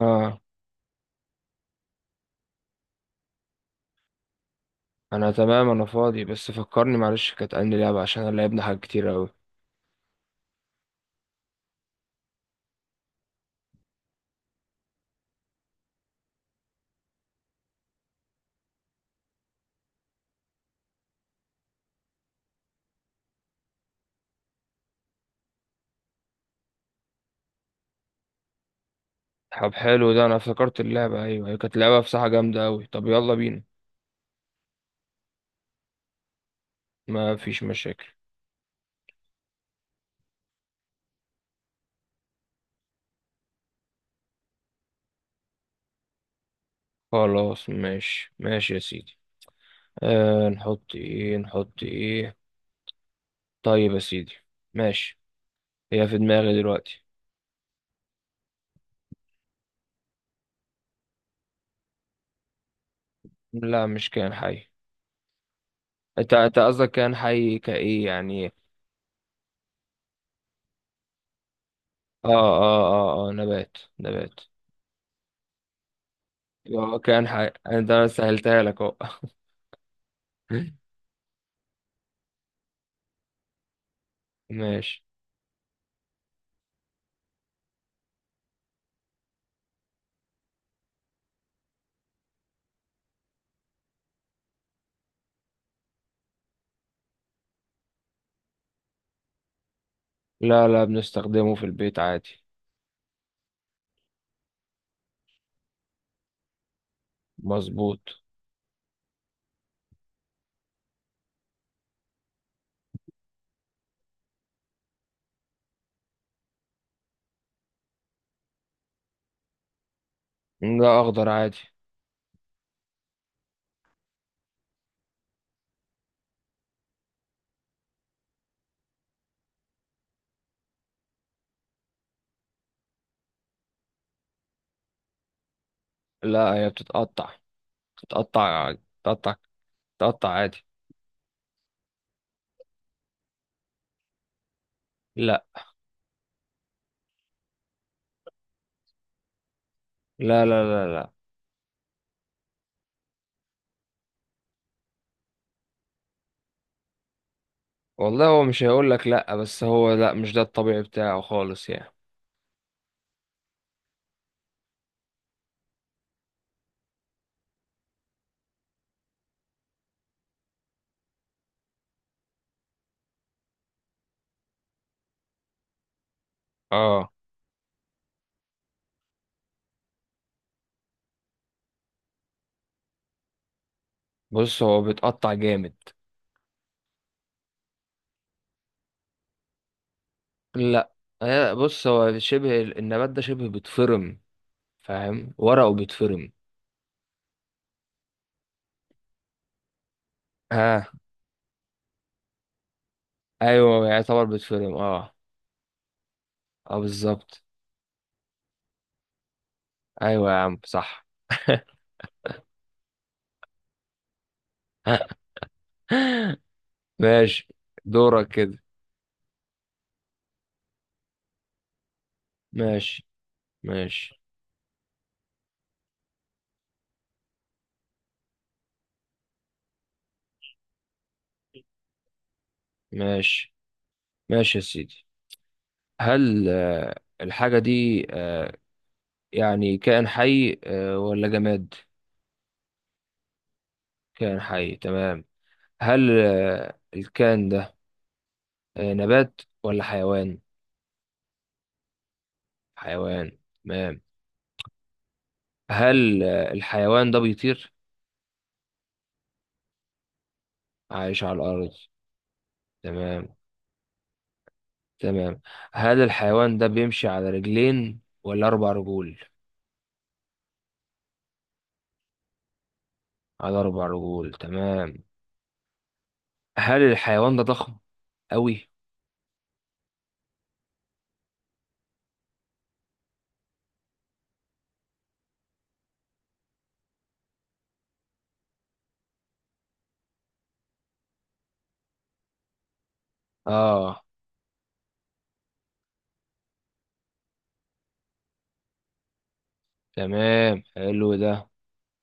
اه، انا تمام، انا فاضي، بس فكرني معلش، كانت عندي لعبة عشان انا لعبنا حاجات كتير اوي. طب حلو، ده انا افتكرت اللعبة. ايوه هي كانت لعبة بصراحة جامدة اوي. طب يلا بينا. ما فيش مشاكل. خلاص ماشي يا سيدي. آه، نحط ايه نحط ايه؟ طيب يا سيدي، ماشي. هي في دماغي دلوقتي. لا مش كائن حي. انت قصدك كائن حي كايه يعني؟ اه نبات نبات. اه كان حي، انا سهلتها لك اهو. ماشي. لا لا، بنستخدمه في البيت عادي. مظبوط. لا اخضر عادي. لا هي بتتقطع، بتتقطع بتتقطع بتتقطع عادي. لا لا لا لا لا. والله هو مش هيقول لك لا، بس هو لا مش ده الطبيعي بتاعه خالص يعني. اه بص هو بيتقطع جامد. لا. بص هو شبه، النبات ده شبه بيتفرم، فاهم؟ ورقه بيتفرم. ها؟ ايوه يعتبر بيتفرم اه. اه بالظبط. ايوه يا عم صح. ماشي. دورك كده. ماشي ماشي. ماشي ماشي يا سيدي. هل الحاجة دي يعني كائن حي ولا جماد؟ كائن حي تمام. هل الكائن ده نبات ولا حيوان؟ حيوان تمام. هل الحيوان ده بيطير؟ عايش على الأرض. تمام تمام. هل الحيوان ده بيمشي على رجلين ولا أربع رجول؟ على أربع رجول تمام. هل الحيوان ده ضخم أوي؟ آه تمام حلو ده.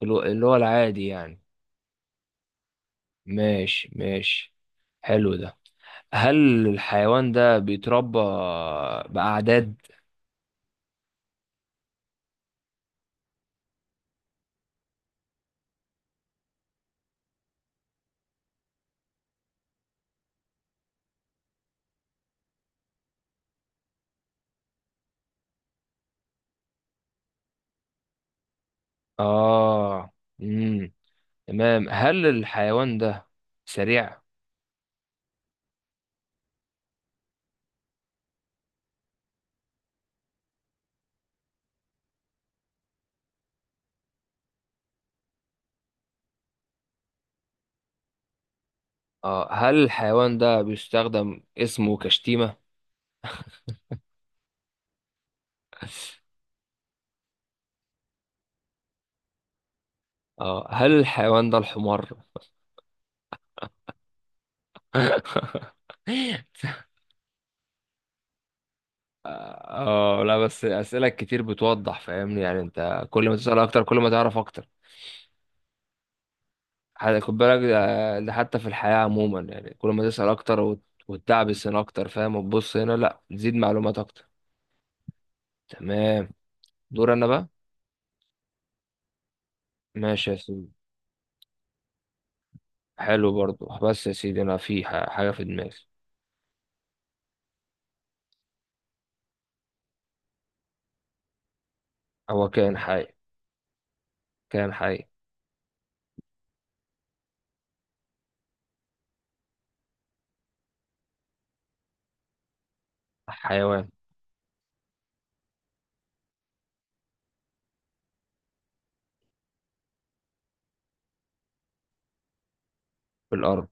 اللي هو العادي يعني. ماشي ماشي. حلو ده. هل الحيوان ده بيتربى بأعداد؟ آه. مم. تمام. هل الحيوان ده سريع؟ آه. هل الحيوان ده بيستخدم اسمه كشتيمة؟ اه. هل الحيوان ده الحمار؟ اه، لا بس اسئله كتير بتوضح، فاهمني يعني؟ انت كل ما تسال اكتر كل ما تعرف اكتر. خد بالك، ده حتى في الحياه عموما يعني، كل ما تسال اكتر وتدعبس هنا اكتر، فاهم؟ وتبص هنا، لا تزيد معلومات اكتر. تمام. دور انا بقى. ماشي يا سيدي. حلو برضو، بس يا سيدي انا في حاجه في دماغي. هو كائن حي. كائن حي. حيوان. في الارض.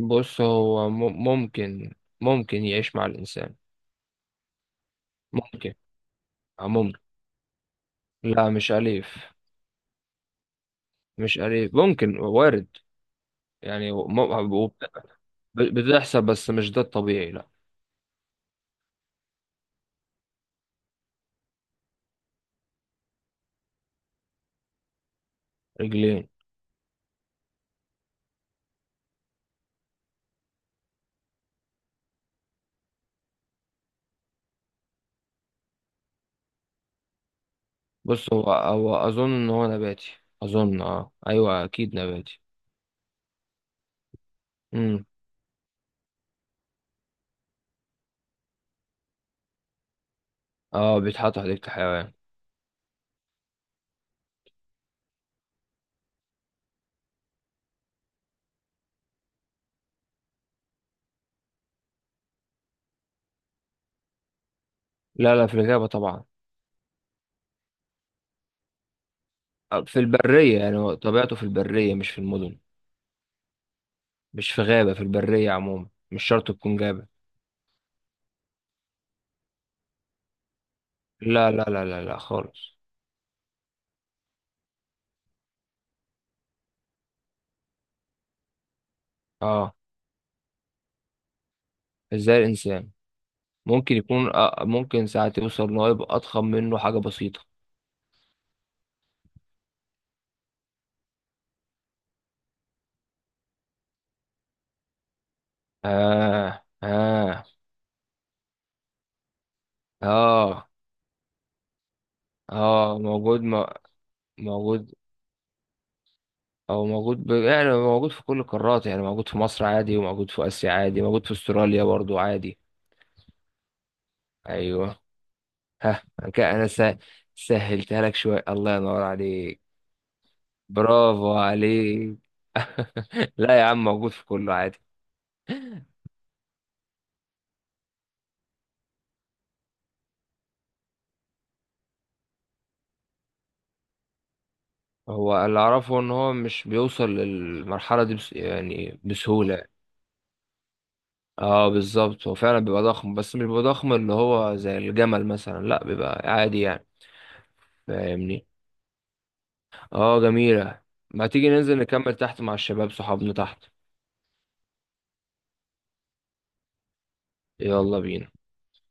بص هو ممكن، ممكن يعيش مع الإنسان. ممكن ممكن. لا مش أليف. مش أليف ممكن وارد يعني وب- بتحصل، بس مش ده الطبيعي، لا. رجلين. بص هو أظن إن هو نباتي. أظن، أه أيوه أكيد نباتي. امم. أه بيتحط حديقة الحيوان. لا لا، في الغابة طبعا. آه، في البرية، يعني هو طبيعته في البرية مش في المدن. مش في غابة، في البرية عموما، مش شرط تكون غابة. لا لا لا لا لا خالص. اه. ازاي الانسان؟ ممكن يكون ممكن ساعات يوصل ان هو يبقى اضخم منه حاجه بسيطه. اه اه. اه اه. موجود موجود. او موجود، ب... يعني موجود في كل القارات، يعني موجود في مصر عادي، وموجود في اسيا عادي، موجود في استراليا برضو عادي. ايوه. ها؟ كده انا س... سهلتها لك شويه، الله ينور عليك. برافو عليك. لا يا عم موجود في كله عادي. هو اللي اعرفه ان هو مش بيوصل للمرحله دي بس يعني بسهوله. اه بالظبط، هو فعلا بيبقى ضخم، بس مش بيبقى ضخم اللي هو زي الجمل مثلا، لا بيبقى عادي يعني. فاهمني. اه جميلة. ما تيجي ننزل نكمل تحت مع الشباب، صحابنا تحت. يلا بينا.